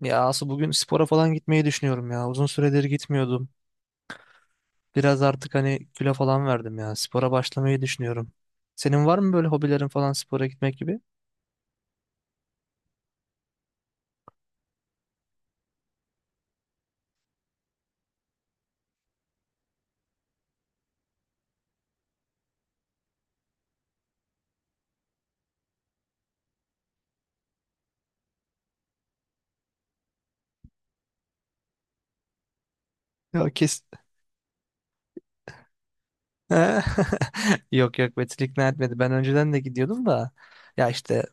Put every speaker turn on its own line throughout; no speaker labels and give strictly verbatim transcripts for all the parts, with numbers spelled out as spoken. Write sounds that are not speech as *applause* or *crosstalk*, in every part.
Ya Asu bugün spora falan gitmeyi düşünüyorum ya. Uzun süredir gitmiyordum. Biraz artık hani kilo falan verdim ya. Spora başlamayı düşünüyorum. Senin var mı böyle hobilerin falan spora gitmek gibi? Ya kes. *laughs* Yok yok Betül ikna etmedi. Ben önceden de gidiyordum da. Ya işte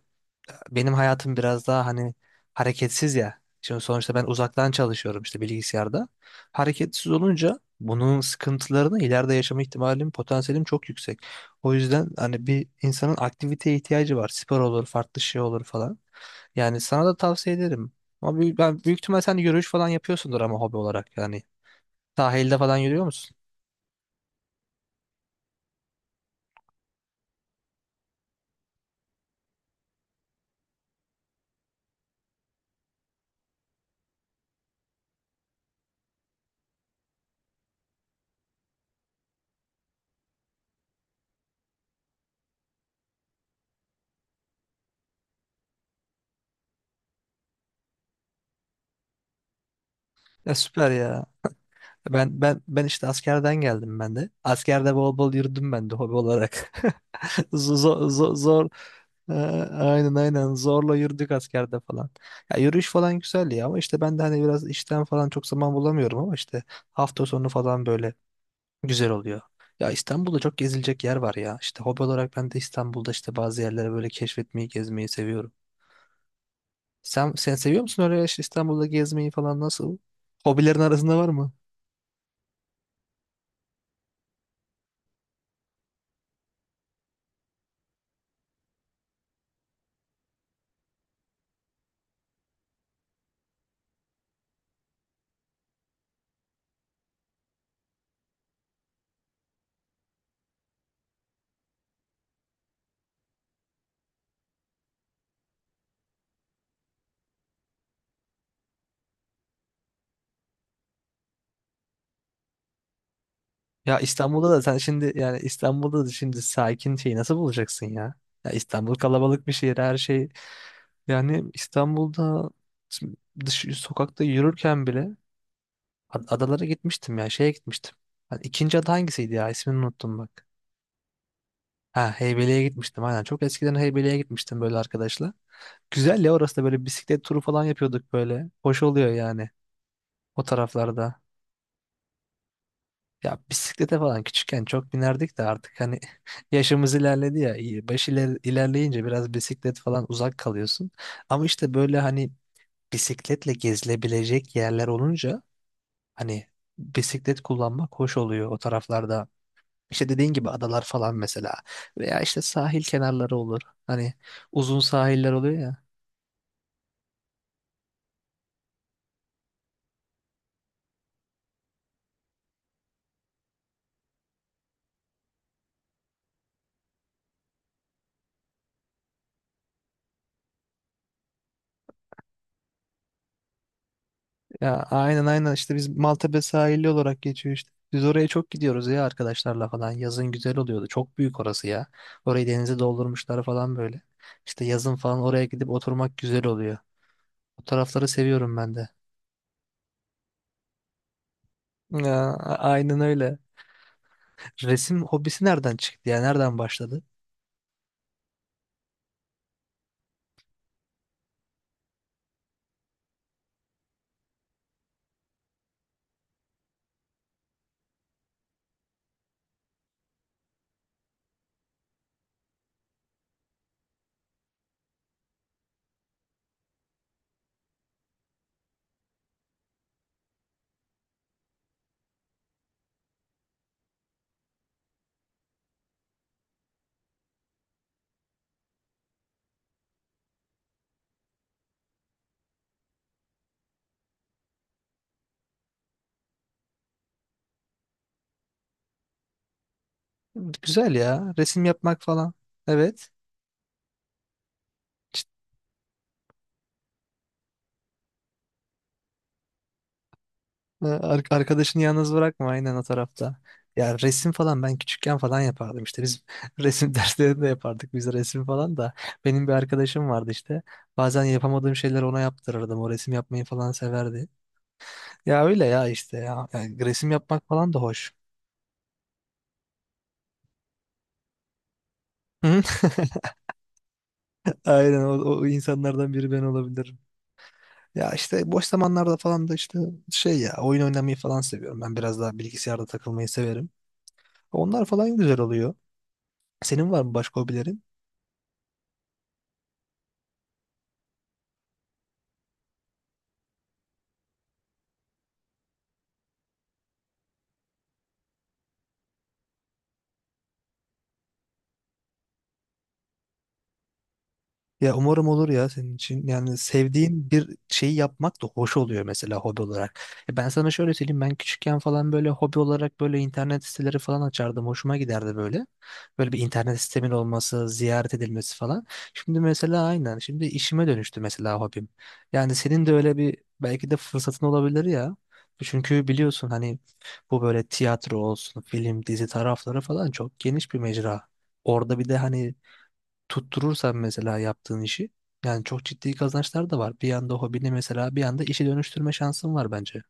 benim hayatım biraz daha hani hareketsiz ya. Şimdi sonuçta ben uzaktan çalışıyorum işte bilgisayarda. Hareketsiz olunca bunun sıkıntılarını ileride yaşama ihtimalim, potansiyelim çok yüksek. O yüzden hani bir insanın aktiviteye ihtiyacı var. Spor olur, farklı şey olur falan. Yani sana da tavsiye ederim. Ama büyük, ben büyük ihtimal sen yürüyüş falan yapıyorsundur ama hobi olarak yani. Sahilde falan yürüyor musun? Ya süper ya. Ben ben ben işte askerden geldim ben de. Askerde bol bol yürüdüm ben de hobi olarak. *laughs* Zor zor, zor, Ee, aynen aynen zorla yürüdük askerde falan. Ya yürüyüş falan güzel ya ama işte ben de hani biraz işten falan çok zaman bulamıyorum ama işte hafta sonu falan böyle güzel oluyor. Ya İstanbul'da çok gezilecek yer var ya. İşte hobi olarak ben de İstanbul'da işte bazı yerlere böyle keşfetmeyi, gezmeyi seviyorum. Sen sen seviyor musun öyle işte İstanbul'da gezmeyi falan nasıl? Hobilerin arasında var mı? Ya İstanbul'da da sen şimdi yani İstanbul'da da şimdi sakin şeyi nasıl bulacaksın ya? Ya İstanbul kalabalık bir şehir her şey. Yani İstanbul'da dış sokakta yürürken bile ad- adalara gitmiştim ya şeye gitmiştim. Hani ikinci ada hangisiydi ya ismini unuttum bak. Ha, Heybeli'ye gitmiştim aynen, çok eskiden Heybeli'ye gitmiştim böyle arkadaşla. Güzel ya, orası da böyle bisiklet turu falan yapıyorduk böyle. Hoş oluyor yani o taraflarda. Ya bisiklete falan küçükken çok binerdik de artık hani *laughs* yaşımız ilerledi ya. iyi- Baş iler, ilerleyince biraz bisiklet falan uzak kalıyorsun. Ama işte böyle hani bisikletle gezilebilecek yerler olunca hani bisiklet kullanmak hoş oluyor o taraflarda. İşte dediğin gibi adalar falan mesela veya işte sahil kenarları olur. Hani uzun sahiller oluyor ya. Ya aynen aynen işte biz Maltepe sahili olarak geçiyor işte. Biz oraya çok gidiyoruz ya arkadaşlarla falan. Yazın güzel oluyordu. Çok büyük orası ya. Orayı denize doldurmuşlar falan böyle. İşte yazın falan oraya gidip oturmak güzel oluyor. O tarafları seviyorum ben de. Ya, a- aynen öyle. Resim hobisi nereden çıktı ya? Nereden başladı? Güzel ya. Resim yapmak falan. Evet. Ha, ar- Arkadaşını yalnız bırakma aynen o tarafta. Ya resim falan ben küçükken falan yapardım işte biz *laughs* resim derslerinde yapardık, biz resim falan da benim bir arkadaşım vardı işte, bazen yapamadığım şeyleri ona yaptırırdım, o resim yapmayı falan severdi. Ya öyle ya işte ya. Yani resim yapmak falan da hoş. Hı? *laughs* Aynen o, o insanlardan biri ben olabilirim. Ya işte boş zamanlarda falan da işte şey ya, oyun oynamayı falan seviyorum, ben biraz daha bilgisayarda takılmayı severim. Onlar falan güzel oluyor. Senin var mı başka hobilerin? Ya umarım olur ya senin için. Yani sevdiğin bir şeyi yapmak da hoş oluyor mesela hobi olarak. E, ben sana şöyle söyleyeyim, ben küçükken falan böyle hobi olarak böyle internet siteleri falan açardım. Hoşuma giderdi böyle. Böyle bir internet sistemin olması, ziyaret edilmesi falan. Şimdi mesela aynen şimdi işime dönüştü mesela hobim. Yani senin de öyle bir belki de fırsatın olabilir ya. Çünkü biliyorsun hani bu böyle tiyatro olsun, film, dizi tarafları falan çok geniş bir mecra. Orada bir de hani tutturursan mesela yaptığın işi, yani çok ciddi kazançlar da var. Bir yanda hobini mesela, bir yanda işe dönüştürme şansın var bence.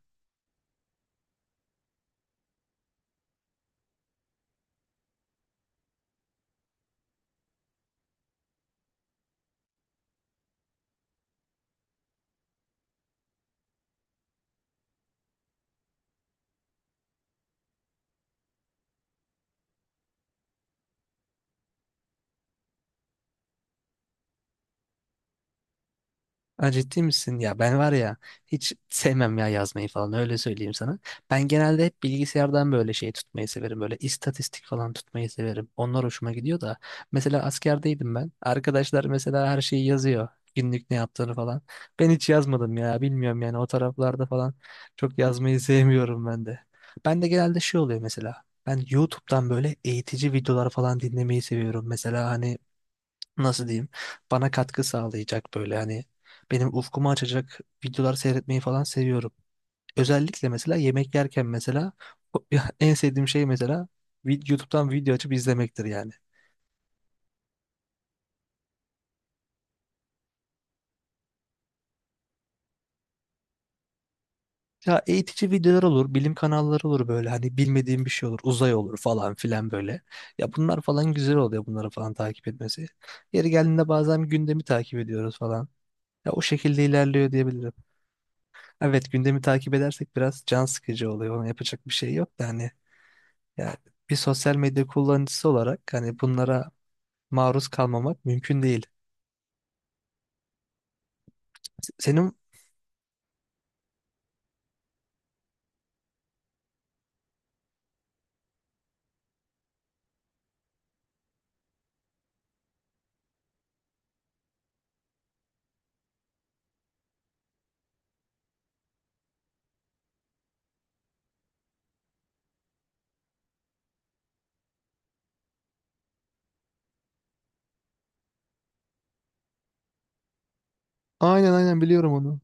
Ha, ciddi misin? Ya ben var ya, hiç sevmem ya yazmayı falan, öyle söyleyeyim sana. Ben genelde hep bilgisayardan böyle şey tutmayı severim. Böyle istatistik falan tutmayı severim. Onlar hoşuma gidiyor da. Mesela askerdeydim ben. Arkadaşlar mesela her şeyi yazıyor. Günlük ne yaptığını falan. Ben hiç yazmadım ya, bilmiyorum yani, o taraflarda falan çok yazmayı sevmiyorum ben de. Ben de genelde şey oluyor mesela. Ben YouTube'dan böyle eğitici videolar falan dinlemeyi seviyorum. Mesela hani nasıl diyeyim, bana katkı sağlayacak böyle hani benim ufkumu açacak videolar seyretmeyi falan seviyorum. Özellikle mesela yemek yerken mesela o- *laughs* en sevdiğim şey mesela vid- YouTube'dan video açıp izlemektir yani. Ya eğitici videolar olur, bilim kanalları olur, böyle hani bilmediğim bir şey olur, uzay olur falan filan böyle. Ya bunlar falan güzel oluyor bunları falan takip etmesi. Yeri geldiğinde bazen gündemi takip ediyoruz falan. Ya o şekilde ilerliyor diyebilirim. Evet, gündemi takip edersek biraz can sıkıcı oluyor. Ona yapacak bir şey yok da hani. Yani bir sosyal medya kullanıcısı olarak hani bunlara maruz kalmamak mümkün değil. Senin aynen aynen biliyorum onu.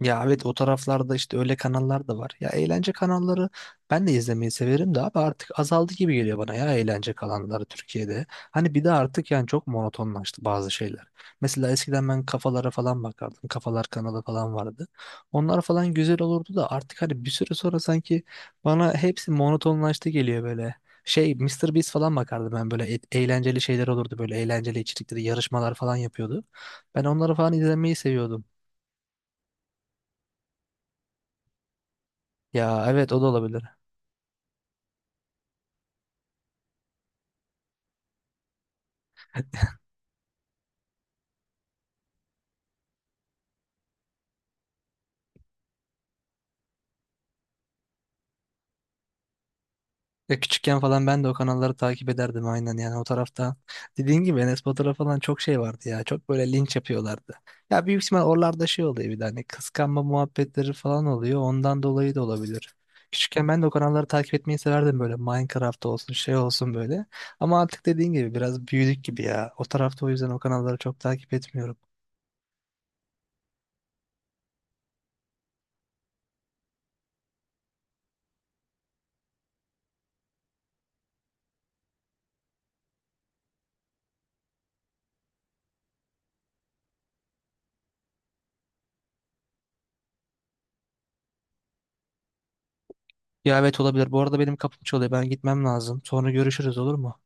Ya evet o taraflarda işte öyle kanallar da var. Ya eğlence kanalları ben de izlemeyi severim de abi artık azaldı gibi geliyor bana, ya eğlence kanalları Türkiye'de. Hani bir de artık yani çok monotonlaştı bazı şeyler. Mesela eskiden ben kafalara falan bakardım. Kafalar kanalı falan vardı. Onlar falan güzel olurdu da artık hani bir süre sonra sanki bana hepsi monotonlaştı geliyor böyle. Şey Mister Beast falan bakardım ben böyle e- eğlenceli şeyler olurdu, böyle eğlenceli içerikleri, yarışmalar falan yapıyordu. Ben onları falan izlemeyi seviyordum. Ya evet o da olabilir. Ya küçükken falan ben de o kanalları takip ederdim aynen yani o tarafta. Dediğin gibi Enes Batur'a falan çok şey vardı ya. Çok böyle linç yapıyorlardı. Ya büyük ihtimal oralarda şey oluyor, bir de hani kıskanma muhabbetleri falan oluyor. Ondan dolayı da olabilir. Küçükken ben de o kanalları takip etmeyi severdim, böyle Minecraft olsun, şey olsun böyle. Ama artık dediğin gibi biraz büyüdük gibi ya. O tarafta o yüzden o kanalları çok takip etmiyorum. Ya evet olabilir. Bu arada benim kapım çalıyor. Ben gitmem lazım. Sonra görüşürüz olur mu?